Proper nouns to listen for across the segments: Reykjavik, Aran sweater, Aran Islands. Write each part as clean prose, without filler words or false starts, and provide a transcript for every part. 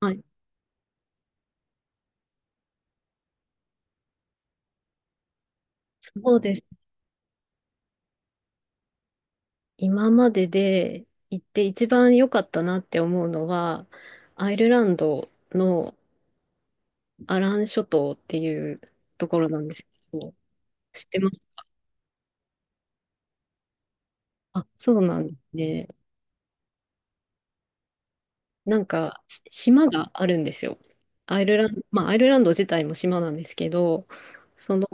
はい、そうです。今までで行って一番良かったなって思うのは、アイルランドのアラン諸島っていうところなんですけど、知ってますか？そうなんですね。なんか、島があるんですよ。アイルランド、まあ、アイルランド自体も島なんですけど、その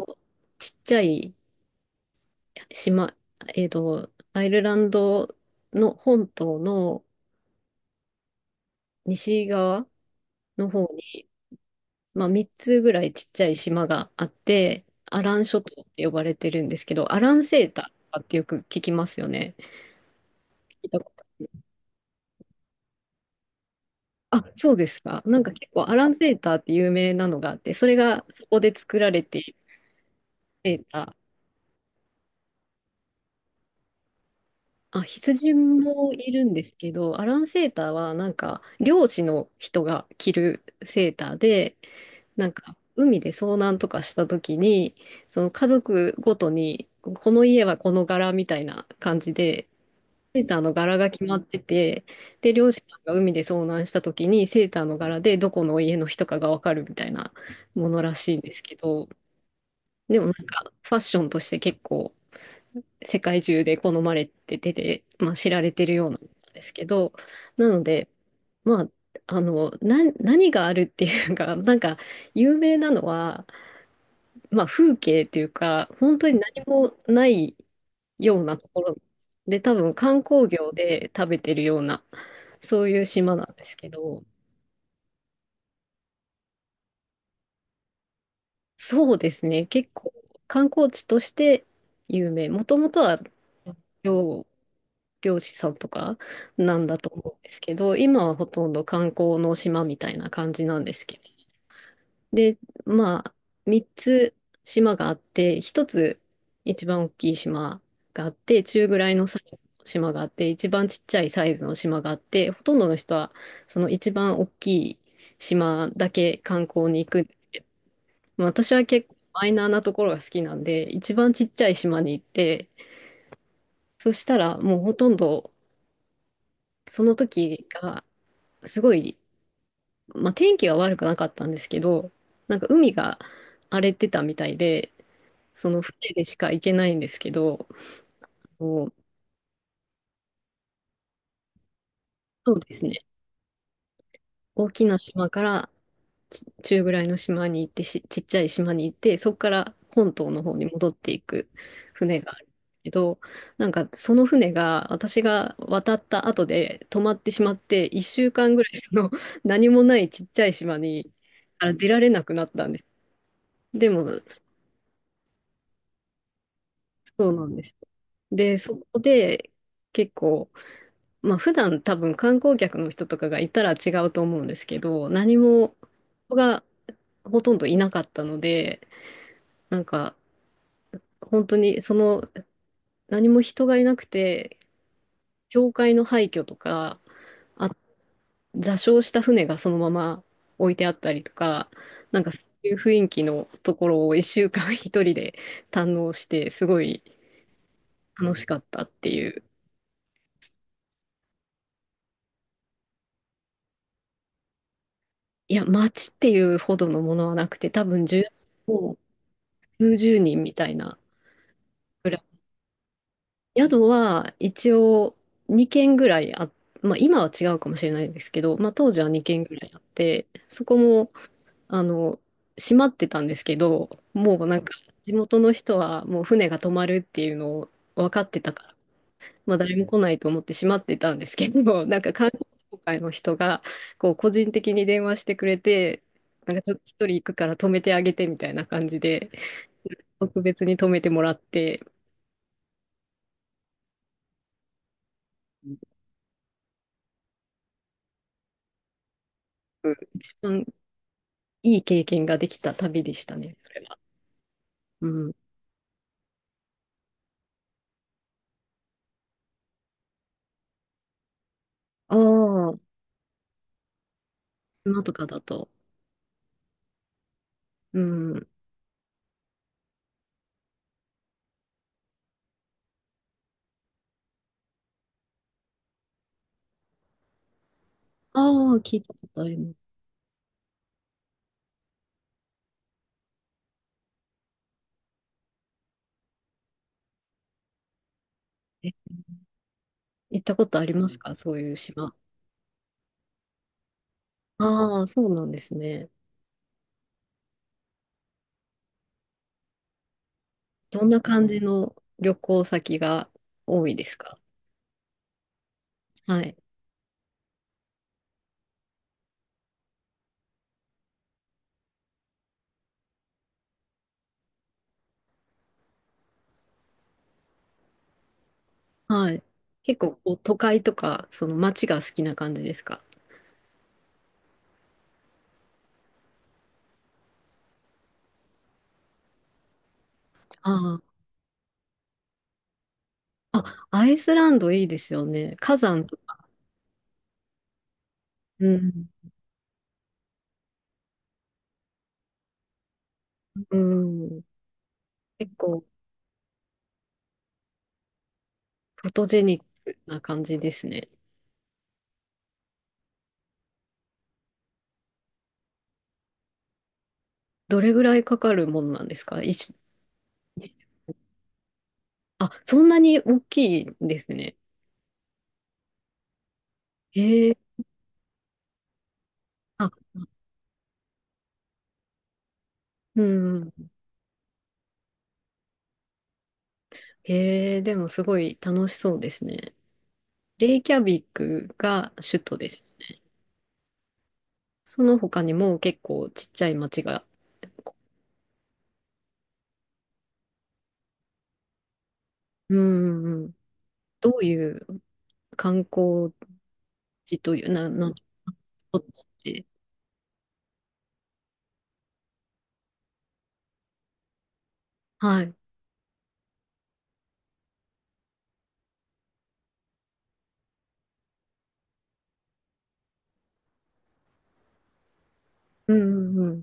ちっちゃい島、アイルランドの本島の西側の方に、まあ、3つぐらいちっちゃい島があって、アラン諸島って呼ばれてるんですけど、アランセーターとかってよく聞きますよね。聞いたことあ、そうですか。なんか結構アランセーターって有名なのがあって、それがそこで作られているセーター。あ、羊もいるんですけど、アランセーターはなんか漁師の人が着るセーターで、なんか海で遭難とかした時に、その家族ごとに、この家はこの柄みたいな感じで、セーターの柄が決まってて、で、漁師さんが海で遭難した時にセーターの柄でどこの家の人かがわかるみたいなものらしいんですけど、でもなんかファッションとして結構世界中で好まれてて、まあ、知られてるようなんですけど、なので、まあ、何があるっていうか、なんか有名なのは、まあ、風景っていうか、本当に何もないようなところで、多分観光業で食べてるような、そういう島なんですけど、そうですね、結構観光地として有名。もともとは漁、漁師さんとかなんだと思うんですけど、今はほとんど観光の島みたいな感じなんですけど。で、まあ、3つ島があって、1つ一番大きい島があって、中ぐらいのサイズの島があって、一番ちっちゃいサイズの島があって、ほとんどの人はその一番大きい島だけ観光に行く。まあ、私は結構マイナーなところが好きなんで、一番ちっちゃい島に行って、そしたらもうほとんどその時がすごい、まあ、天気は悪くなかったんですけど、なんか海が荒れてたみたいで、その船でしか行けないんですけど、もうそうですね。大きな島から中ぐらいの島に行って、ちっちゃい島に行って、そこから本島の方に戻っていく船があるんですけど、なんかその船が私が渡った後で止まってしまって、1週間ぐらいの 何もないちっちゃい島から出られなくなったんです。でも、そうなんです。で、そこで結構、まあ普段多分観光客の人とかがいたら違うと思うんですけど、何も人がほとんどいなかったので、なんか本当にその何も人がいなくて、教会の廃墟とか、あ、座礁した船がそのまま置いてあったりとか、なんかそういう雰囲気のところを一週間 一人で堪能して、すごい楽しかったっていう。いや、街っていうほどのものはなくて、多分もう数十人みたいな。宿は一応2軒ぐらいまあ今は違うかもしれないですけど、まあ当時は2軒ぐらいあって、そこも、あの、閉まってたんですけど、もうなんか地元の人はもう船が止まるっていうのを分かってたから、まあ誰も来ないと思って閉まってたんですけど、なんか観光協会の人がこう個人的に電話してくれて、なんかちょっと一人行くから止めてあげてみたいな感じで、特別に止めてもらって、一番いい経験ができた旅でしたね、それは。うん。ああ、今とかだと。うん。ああ、聞いたことあります。え、行ったことありますかそういう島？ああ、そうなんですね。どんな感じの旅行先が多いですか？はい。はい。結構こう都会とか、その街が好きな感じですか？ああ。あ、アイスランドいいですよね。火山とか。うん。うん。結構フォトジェニックな感じですね。どれぐらいかかるものなんですか一緒？あ、そんなに大きいんですね。へえ、あ、うん。へえ、でもすごい楽しそうですね。レイキャビックが首都ですね。その他にも結構ちっちゃい町が、うん、うんうん、どういう観光地という、な、な、とって、はい。うん、うん、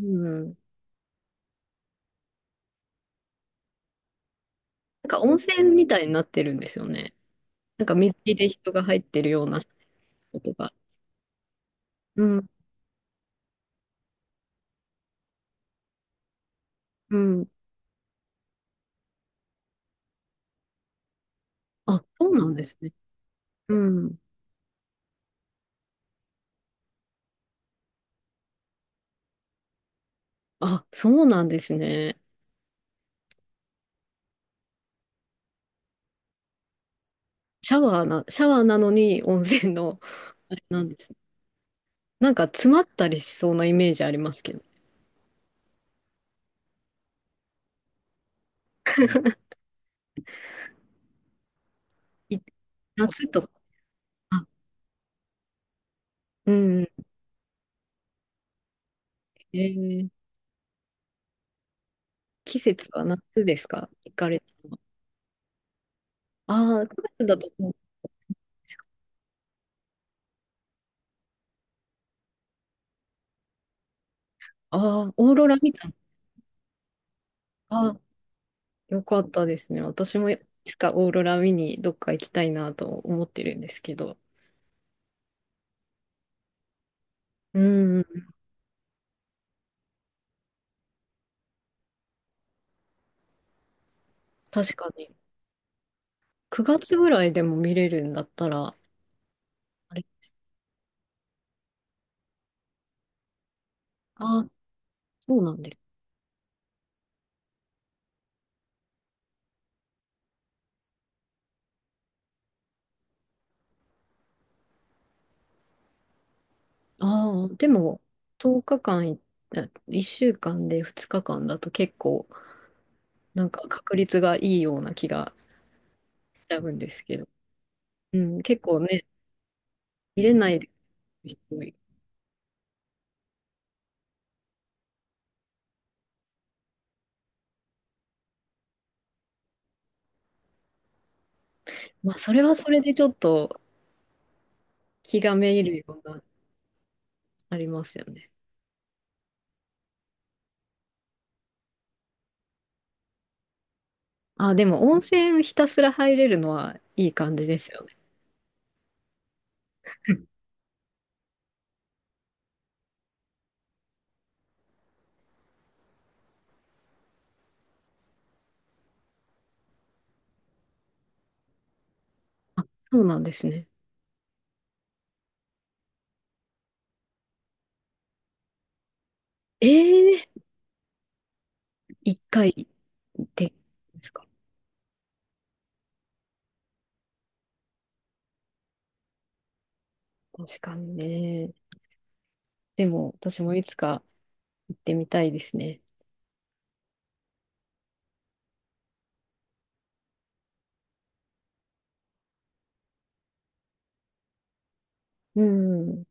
うん。うん、なんか温泉みたいになってるんですよね。なんか水着で人が入ってるようなことが。うんうん。あ、そうなんですね。うん。あ、そうなんですね。シャワーなのに温泉の、あれなんです。なんか詰まったりしそうなイメージありますけど。い夏とか。あ、うん。えー季節は夏ですか行かれたのは？ああ、9月だと、ああ、オーロラ見たの？ああ、よかったですね。私もいつかオーロラ見にどっか行きたいなと思ってるんですけど。うん、確かに。9月ぐらいでも見れるんだったら、あれ、あ、そうなんです。ああ、でも、10日間い、あ1週間で2日間だと結構、なんか確率がいいような気がしちゃうんですけど。うん、結構ね、入れないで人もいる。まあ、それはそれでちょっと気がめいるような、ありますよね。あ、でも温泉ひたすら入れるのはいい感じですよね。あ、そうなんですね。ええ、1回でですか？確かにね。でも、私もいつか行ってみたいですね。うん。